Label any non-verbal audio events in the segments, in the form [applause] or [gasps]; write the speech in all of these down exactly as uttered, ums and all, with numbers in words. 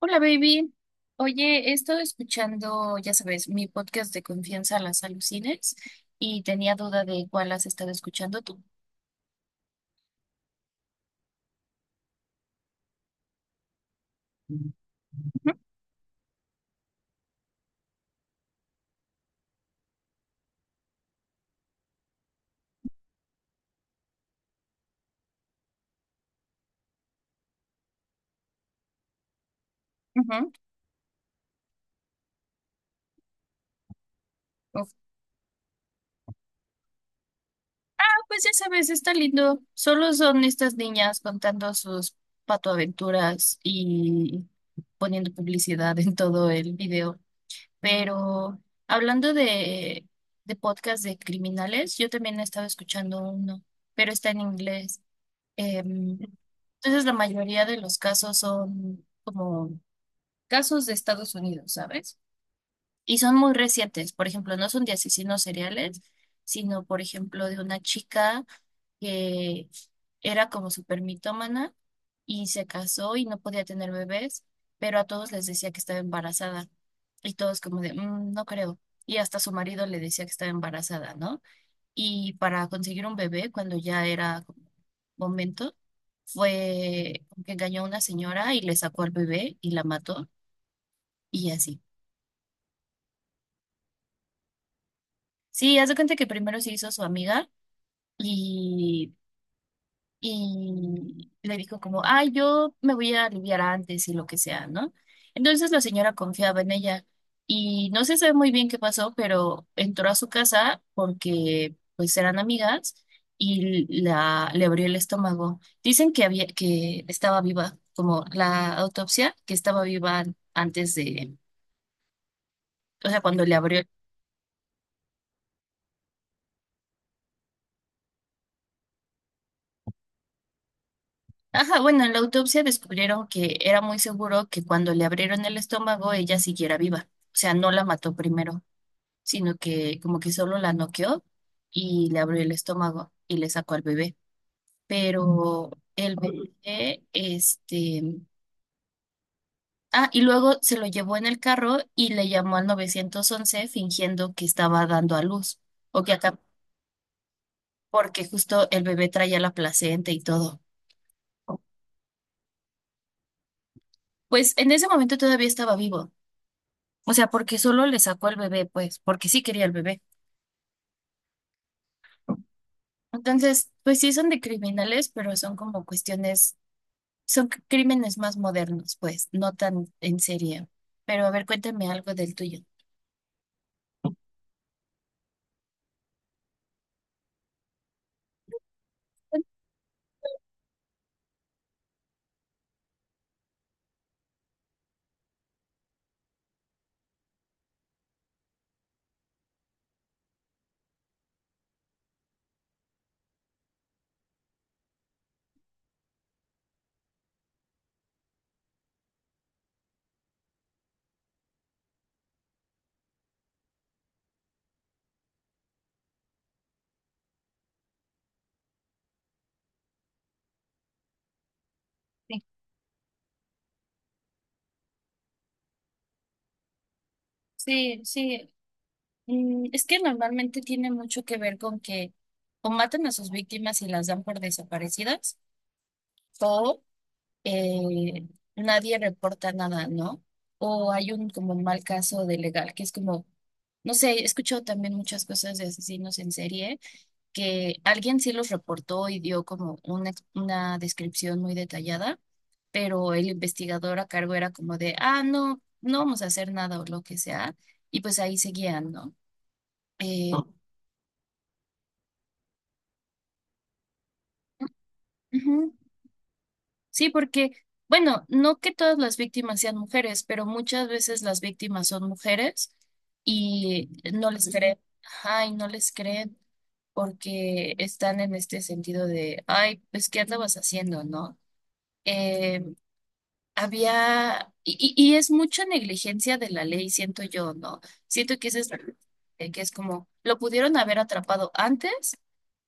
Hola, baby. Oye, he estado escuchando, ya sabes, mi podcast de confianza Las Alucines y tenía duda de cuál has estado escuchando tú. Ujú. Uf. Ah, pues ya sabes, está lindo. Solo son estas niñas contando sus patoaventuras y poniendo publicidad en todo el video. Pero hablando de, de podcast de criminales, yo también he estado escuchando uno, pero está en inglés. Em, entonces, la mayoría de los casos son como casos de Estados Unidos, ¿sabes? Y son muy recientes. Por ejemplo, no son de asesinos seriales, sino, por ejemplo, de una chica que era como súper mitómana y se casó y no podía tener bebés, pero a todos les decía que estaba embarazada. Y todos como de, "Mm, no creo". Y hasta su marido le decía que estaba embarazada, ¿no? Y para conseguir un bebé, cuando ya era como momento, fue que engañó a una señora y le sacó al bebé y la mató y así. Sí, haz de cuenta que primero se hizo su amiga y, y le dijo como, ay, yo me voy a aliviar antes y lo que sea, ¿no? Entonces la señora confiaba en ella y no se sabe muy bien qué pasó, pero entró a su casa porque pues eran amigas y la, le abrió el estómago. Dicen que había, que estaba viva, como la autopsia, que estaba viva antes de, o sea, cuando le abrió. Ajá, bueno, en la autopsia descubrieron que era muy seguro que cuando le abrieron el estómago ella siguiera viva. O sea, no la mató primero, sino que como que solo la noqueó y le abrió el estómago y le sacó al bebé. Pero el bebé, este... Ah, y luego se lo llevó en el carro y le llamó al novecientos once fingiendo que estaba dando a luz. O que acá, porque justo el bebé traía la placenta y todo. Pues en ese momento todavía estaba vivo. O sea, porque solo le sacó el bebé, pues, porque sí quería el bebé. Entonces, pues sí son de criminales, pero son como cuestiones, son c- crímenes más modernos, pues, no tan en serio. Pero a ver, cuéntame algo del tuyo. Sí, sí, sí. Mm, Es que normalmente tiene mucho que ver con que o matan a sus víctimas y las dan por desaparecidas, o eh, nadie reporta nada, ¿no? O hay un como mal caso de legal, que es como, no sé, he escuchado también muchas cosas de asesinos en serie, que alguien sí los reportó y dio como una, ex- una descripción muy detallada, pero el investigador a cargo era como de, ah, no, no vamos a hacer nada o lo que sea, y pues ahí seguían, ¿no? Eh, Ujú. Sí, porque, bueno, no que todas las víctimas sean mujeres, pero muchas veces las víctimas son mujeres y no les creen. Ajá, y no les creen porque están en este sentido de, ay, pues, ¿qué andabas haciendo, no? Eh, había, y, y y es mucha negligencia de la ley, siento yo, ¿no? Siento que ese es, eh, que es como, lo pudieron haber atrapado antes,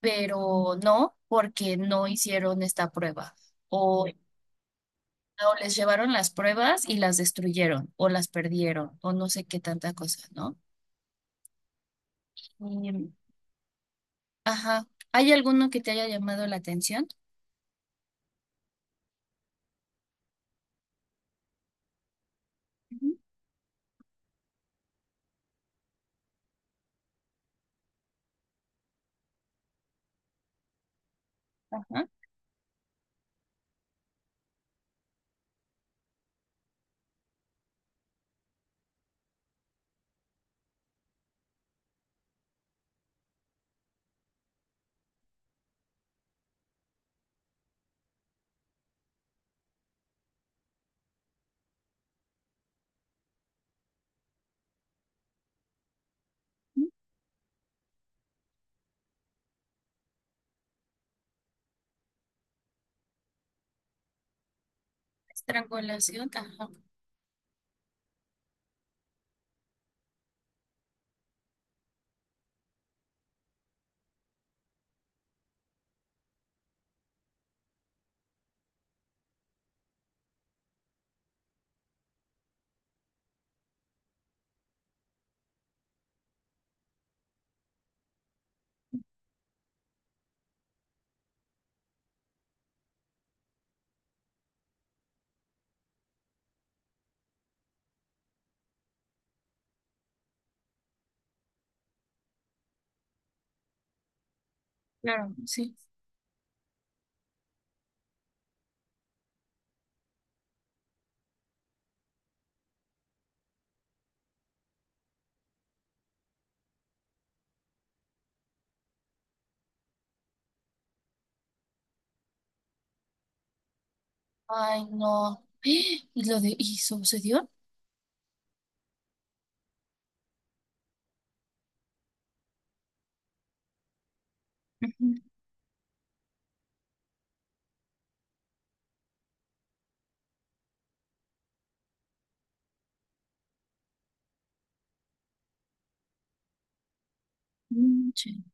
pero no, porque no hicieron esta prueba. O o les llevaron las pruebas y las destruyeron, o las perdieron, o no sé qué tanta cosa, ¿no? Y, ajá. ¿Hay alguno que te haya llamado la atención? Ujú. Ajá. Ujú. Estrangulación, ajá. Claro, sí. Ay, no. [gasps] Y lo de, ¿y sucedió? Ujú, mm, sí.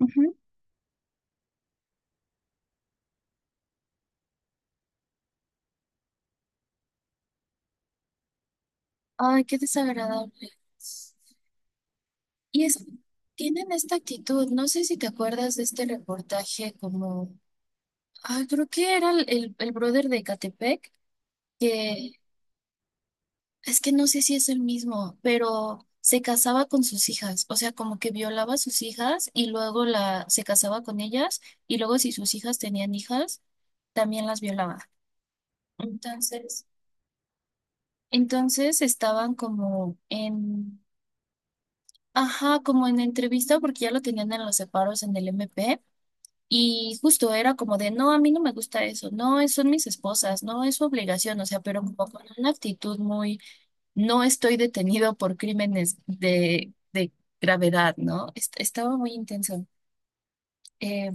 Ujú. Ay, qué desagradable. Y es, tienen esta actitud, no sé si te acuerdas de este reportaje como, ah, creo que era el, el, el brother de Catepec, que es que no sé si es el mismo, pero se casaba con sus hijas, o sea, como que violaba a sus hijas y luego la se casaba con ellas y luego si sus hijas tenían hijas, también las violaba. Entonces, entonces estaban como en, ajá, como en entrevista porque ya lo tenían en los separos en el M P y justo era como de, no, a mí no me gusta eso, no, es son mis esposas, no es su obligación, o sea, pero como con una actitud muy no estoy detenido por crímenes de, de gravedad, ¿no? Est- estaba muy intenso. Eh,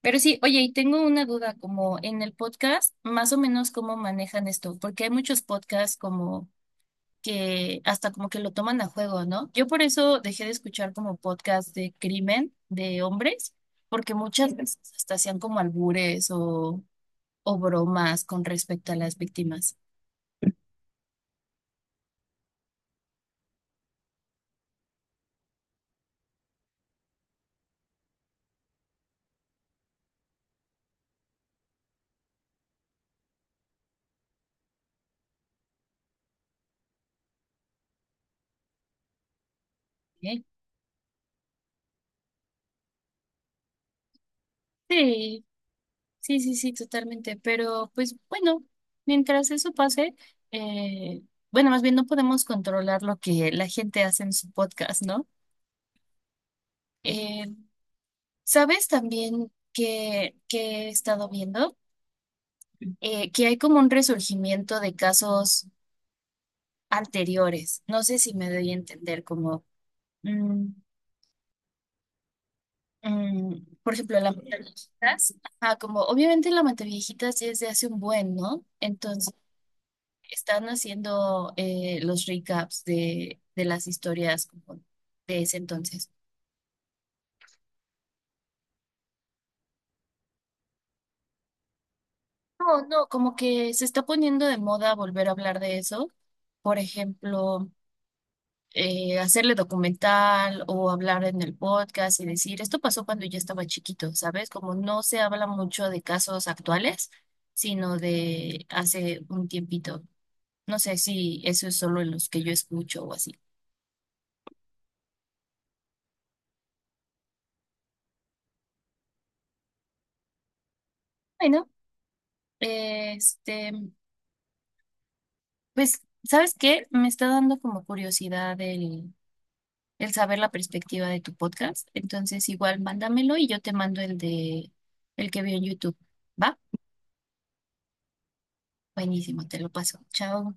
pero sí, oye, y tengo una duda, como en el podcast, más o menos cómo manejan esto, porque hay muchos podcasts como que hasta como que lo toman a juego, ¿no? Yo por eso dejé de escuchar como podcast de crimen de hombres, porque muchas veces hasta hacían como albures o, o bromas con respecto a las víctimas. ¿Eh? Sí. Sí, sí, sí, totalmente. Pero pues bueno, mientras eso pase, eh, bueno, más bien no podemos controlar lo que la gente hace en su podcast, ¿no? Eh, ¿sabes también que, que he estado viendo? Eh, que hay como un resurgimiento de casos anteriores. No sé si me doy a entender, como, mm, mm, por ejemplo, la Monteviejitas. Ajá, como obviamente la Monteviejitas ya es de hace un buen, ¿no? Están haciendo eh, los recaps de, de las historias como de ese entonces. No, no, como que se está poniendo de moda volver a hablar de eso. Por ejemplo, eh, hacerle documental o hablar en el podcast y decir, esto pasó cuando yo estaba chiquito, ¿sabes? Como no se habla mucho de casos actuales, sino de hace un tiempito. No sé si eso es solo en los que yo escucho o así. Bueno, este. Pues, ¿sabes qué? Me está dando como curiosidad el, el saber la perspectiva de tu podcast. Entonces, igual mándamelo y yo te mando el de, el que vi en YouTube. ¿Va? Buenísimo, te lo paso. Chao.